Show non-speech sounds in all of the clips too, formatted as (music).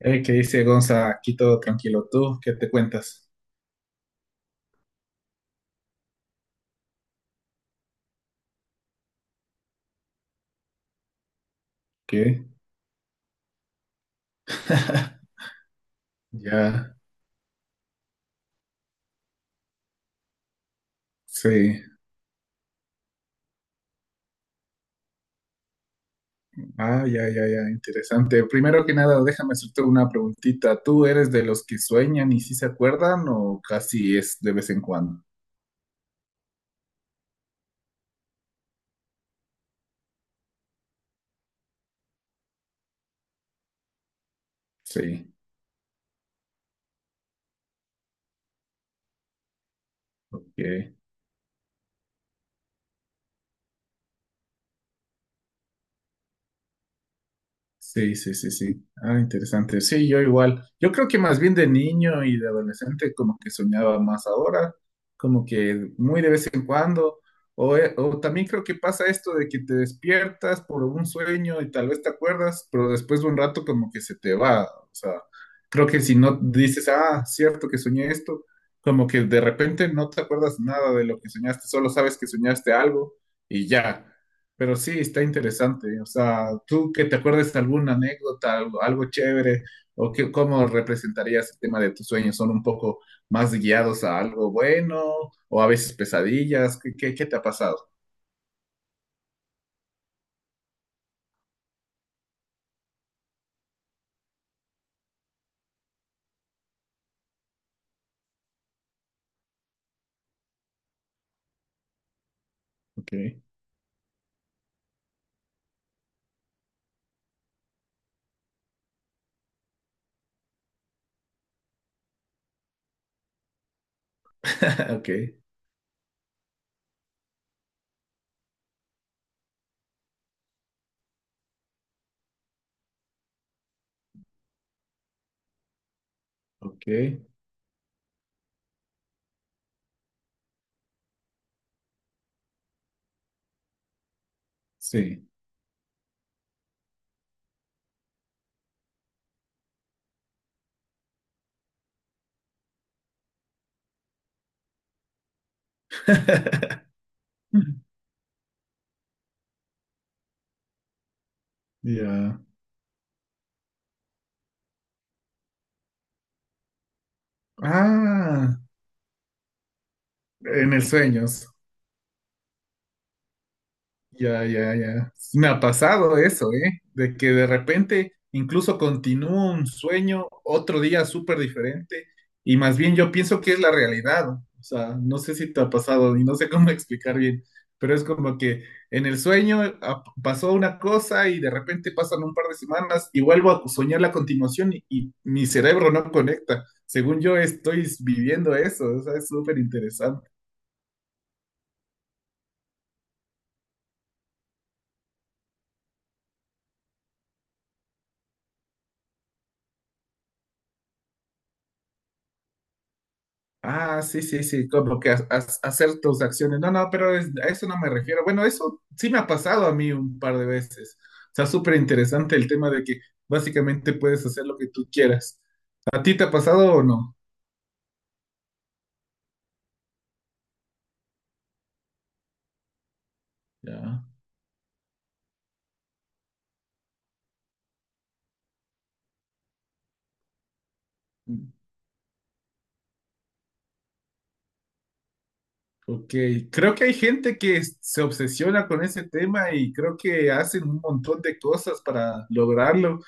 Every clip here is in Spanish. ¿Qué dice Gonza? Aquí todo tranquilo. ¿Tú qué te cuentas? ¿Qué? (laughs) Ya, sí. Ya. Interesante. Primero que nada, déjame hacerte una preguntita. ¿Tú eres de los que sueñan y sí se acuerdan o casi es de vez en cuando? Sí. Ok. Sí, sí, sí, sí. Ah, interesante. Sí, yo igual. Yo creo que más bien de niño y de adolescente como que soñaba más ahora, como que muy de vez en cuando. O también creo que pasa esto de que te despiertas por un sueño y tal vez te acuerdas, pero después de un rato como que se te va. O sea, creo que si no dices, ah, cierto que soñé esto, como que de repente no te acuerdas nada de lo que soñaste, solo sabes que soñaste algo y ya. Pero sí, está interesante. O sea, ¿tú que te acuerdes de alguna anécdota, algo, algo chévere, o cómo representarías el tema de tus sueños? ¿Son un poco más guiados a algo bueno o a veces pesadillas? ¿Qué, qué te ha pasado? Ok, (laughs) ok, ok, sí. (laughs) Ya. Ah, en el sueño. Ya, ya, ya. Sí, me ha pasado eso, ¿eh? De que de repente incluso continúo un sueño otro día súper diferente y más bien yo pienso que es la realidad, ¿no? O sea, no sé si te ha pasado y no sé cómo (laughs) explicar bien, pero es como que en el sueño ah, pasó una cosa y de repente pasan un par de semanas y vuelvo a soñar la continuación y mi cerebro no conecta. Según yo estoy viviendo eso, o sea, es súper interesante. Ah, sí, sí, sí, como que hacer tus acciones. No, no, pero a eso no me refiero. Bueno, eso sí me ha pasado a mí un par de veces. O sea, súper interesante el tema de que básicamente puedes hacer lo que tú quieras. ¿A ti te ha pasado o no? Ya. Ok, creo que hay gente que se obsesiona con ese tema y creo que hacen un montón de cosas para lograrlo,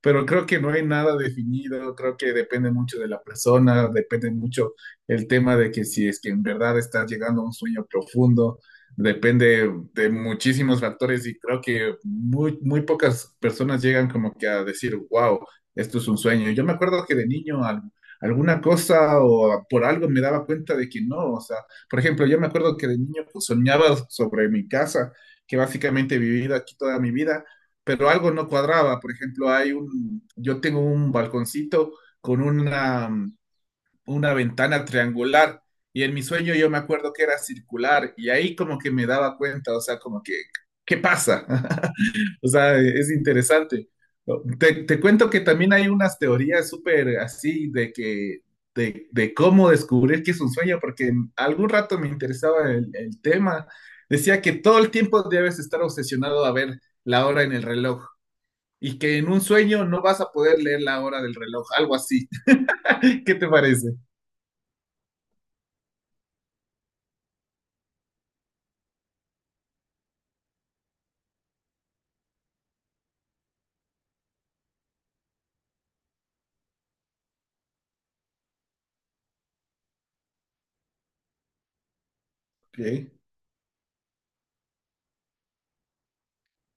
pero creo que no hay nada definido, creo que depende mucho de la persona, depende mucho el tema de que si es que en verdad estás llegando a un sueño profundo, depende de muchísimos factores y creo que muy, muy pocas personas llegan como que a decir, wow, esto es un sueño. Yo me acuerdo que de niño alguna cosa o por algo me daba cuenta de que no, o sea, por ejemplo, yo me acuerdo que de niño pues, soñaba sobre mi casa, que básicamente he vivido aquí toda mi vida, pero algo no cuadraba. Por ejemplo, hay un, yo tengo un balconcito con una ventana triangular y en mi sueño yo me acuerdo que era circular y ahí como que me daba cuenta, o sea, como que, ¿qué pasa? (laughs) O sea, es interesante. Te cuento que también hay unas teorías súper así de que, de cómo descubrir que es un sueño, porque en algún rato me interesaba el tema. Decía que todo el tiempo debes estar obsesionado a ver la hora en el reloj y que en un sueño no vas a poder leer la hora del reloj, algo así. (laughs) ¿Qué te parece? Ok,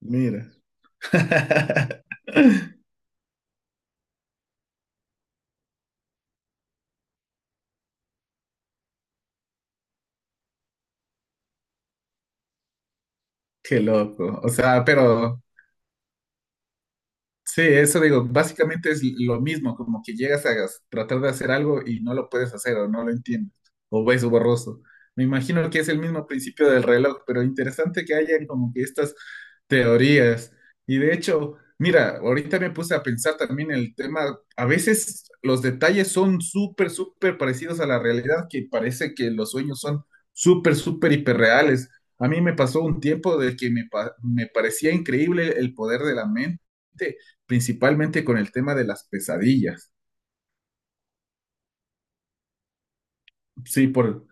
mira. (laughs) Qué loco. O sea, pero sí, eso digo, básicamente es lo mismo, como que llegas a tratar de hacer algo y no lo puedes hacer o no lo entiendes, o ves borroso. Me imagino que es el mismo principio del reloj, pero interesante que hayan como que estas teorías. Y de hecho, mira, ahorita me puse a pensar también en el tema, a veces los detalles son súper, súper parecidos a la realidad, que parece que los sueños son súper, súper hiperreales. A mí me pasó un tiempo de que me, me parecía increíble el poder de la mente principalmente con el tema de las pesadillas. Sí, por,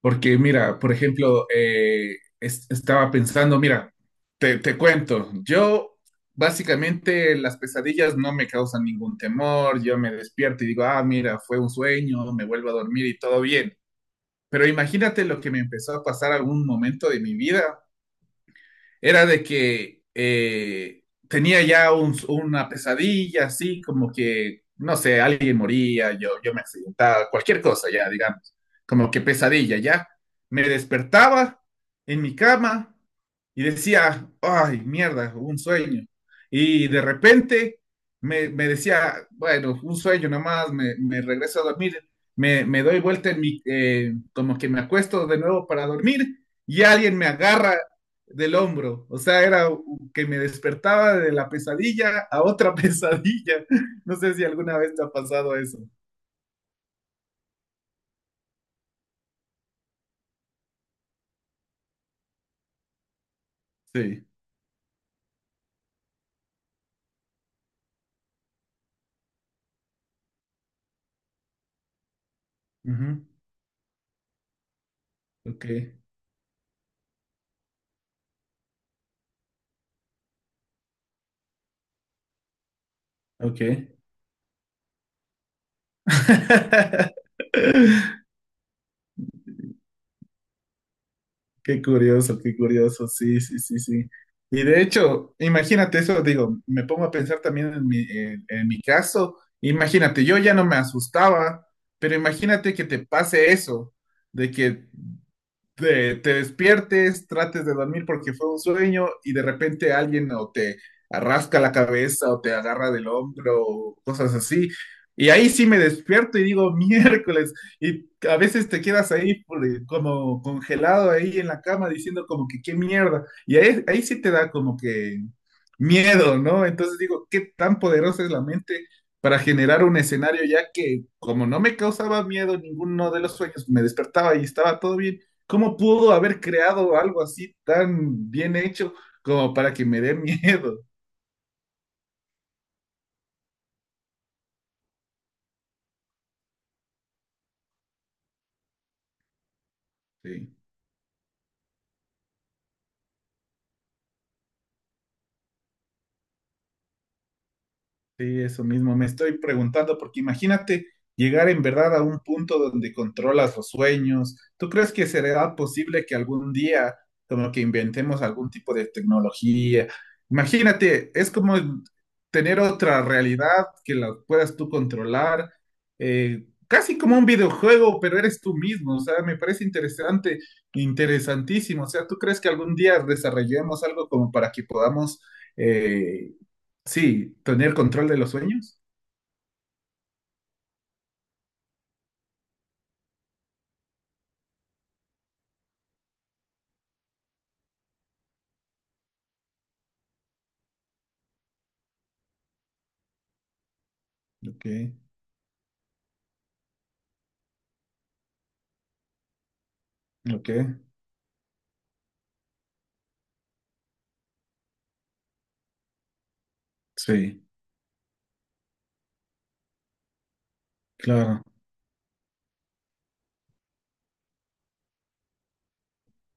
porque mira, por ejemplo, estaba pensando, mira, te cuento, yo básicamente las pesadillas no me causan ningún temor, yo me despierto y digo, ah, mira, fue un sueño, me vuelvo a dormir y todo bien. Pero imagínate lo que me empezó a pasar algún momento de mi vida era de que tenía ya una pesadilla, así como que, no sé, alguien moría, yo me accidentaba, cualquier cosa ya, digamos, como que pesadilla ya. Me despertaba en mi cama y decía, ay, mierda, un sueño. Y de repente me decía, bueno, un sueño nomás, me regreso a dormir, me doy vuelta en mi, como que me acuesto de nuevo para dormir y alguien me agarra del hombro. O sea, era que me despertaba de la pesadilla a otra pesadilla. (laughs) No sé si alguna vez te ha pasado eso. Sí. Ujú. Ok, ok. (laughs) Qué curioso, sí, sí, sí, sí. Y de hecho, imagínate eso, digo, me pongo a pensar también en mi caso, imagínate, yo ya no me asustaba, pero imagínate que te pase eso, de que te despiertes, trates de dormir porque fue un sueño y de repente alguien o te arrasca la cabeza o te agarra del hombro o cosas así. Y ahí sí me despierto y digo (laughs) miércoles. Y a veces te quedas ahí como congelado ahí en la cama diciendo como que qué mierda. Y ahí, ahí sí te da como que miedo, ¿no? Entonces digo, ¿qué tan poderosa es la mente para generar un escenario ya que como no me causaba miedo ninguno de los sueños, me despertaba y estaba todo bien? ¿Cómo pudo haber creado algo así tan bien hecho como para que me dé miedo? Sí. Sí, eso mismo, me estoy preguntando, porque imagínate llegar en verdad a un punto donde controlas los sueños. ¿Tú crees que será posible que algún día como que inventemos algún tipo de tecnología? Imagínate, es como tener otra realidad que la puedas tú controlar, casi como un videojuego, pero eres tú mismo. O sea, me parece interesante, interesantísimo. O sea, ¿tú crees que algún día desarrollemos algo como para que podamos... eh, sí, tener control de los sueños. Ok, ok, sí, claro.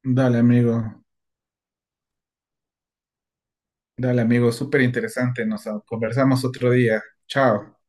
Dale, amigo, dale, amigo, súper interesante. Nos ah, conversamos otro día. Chao.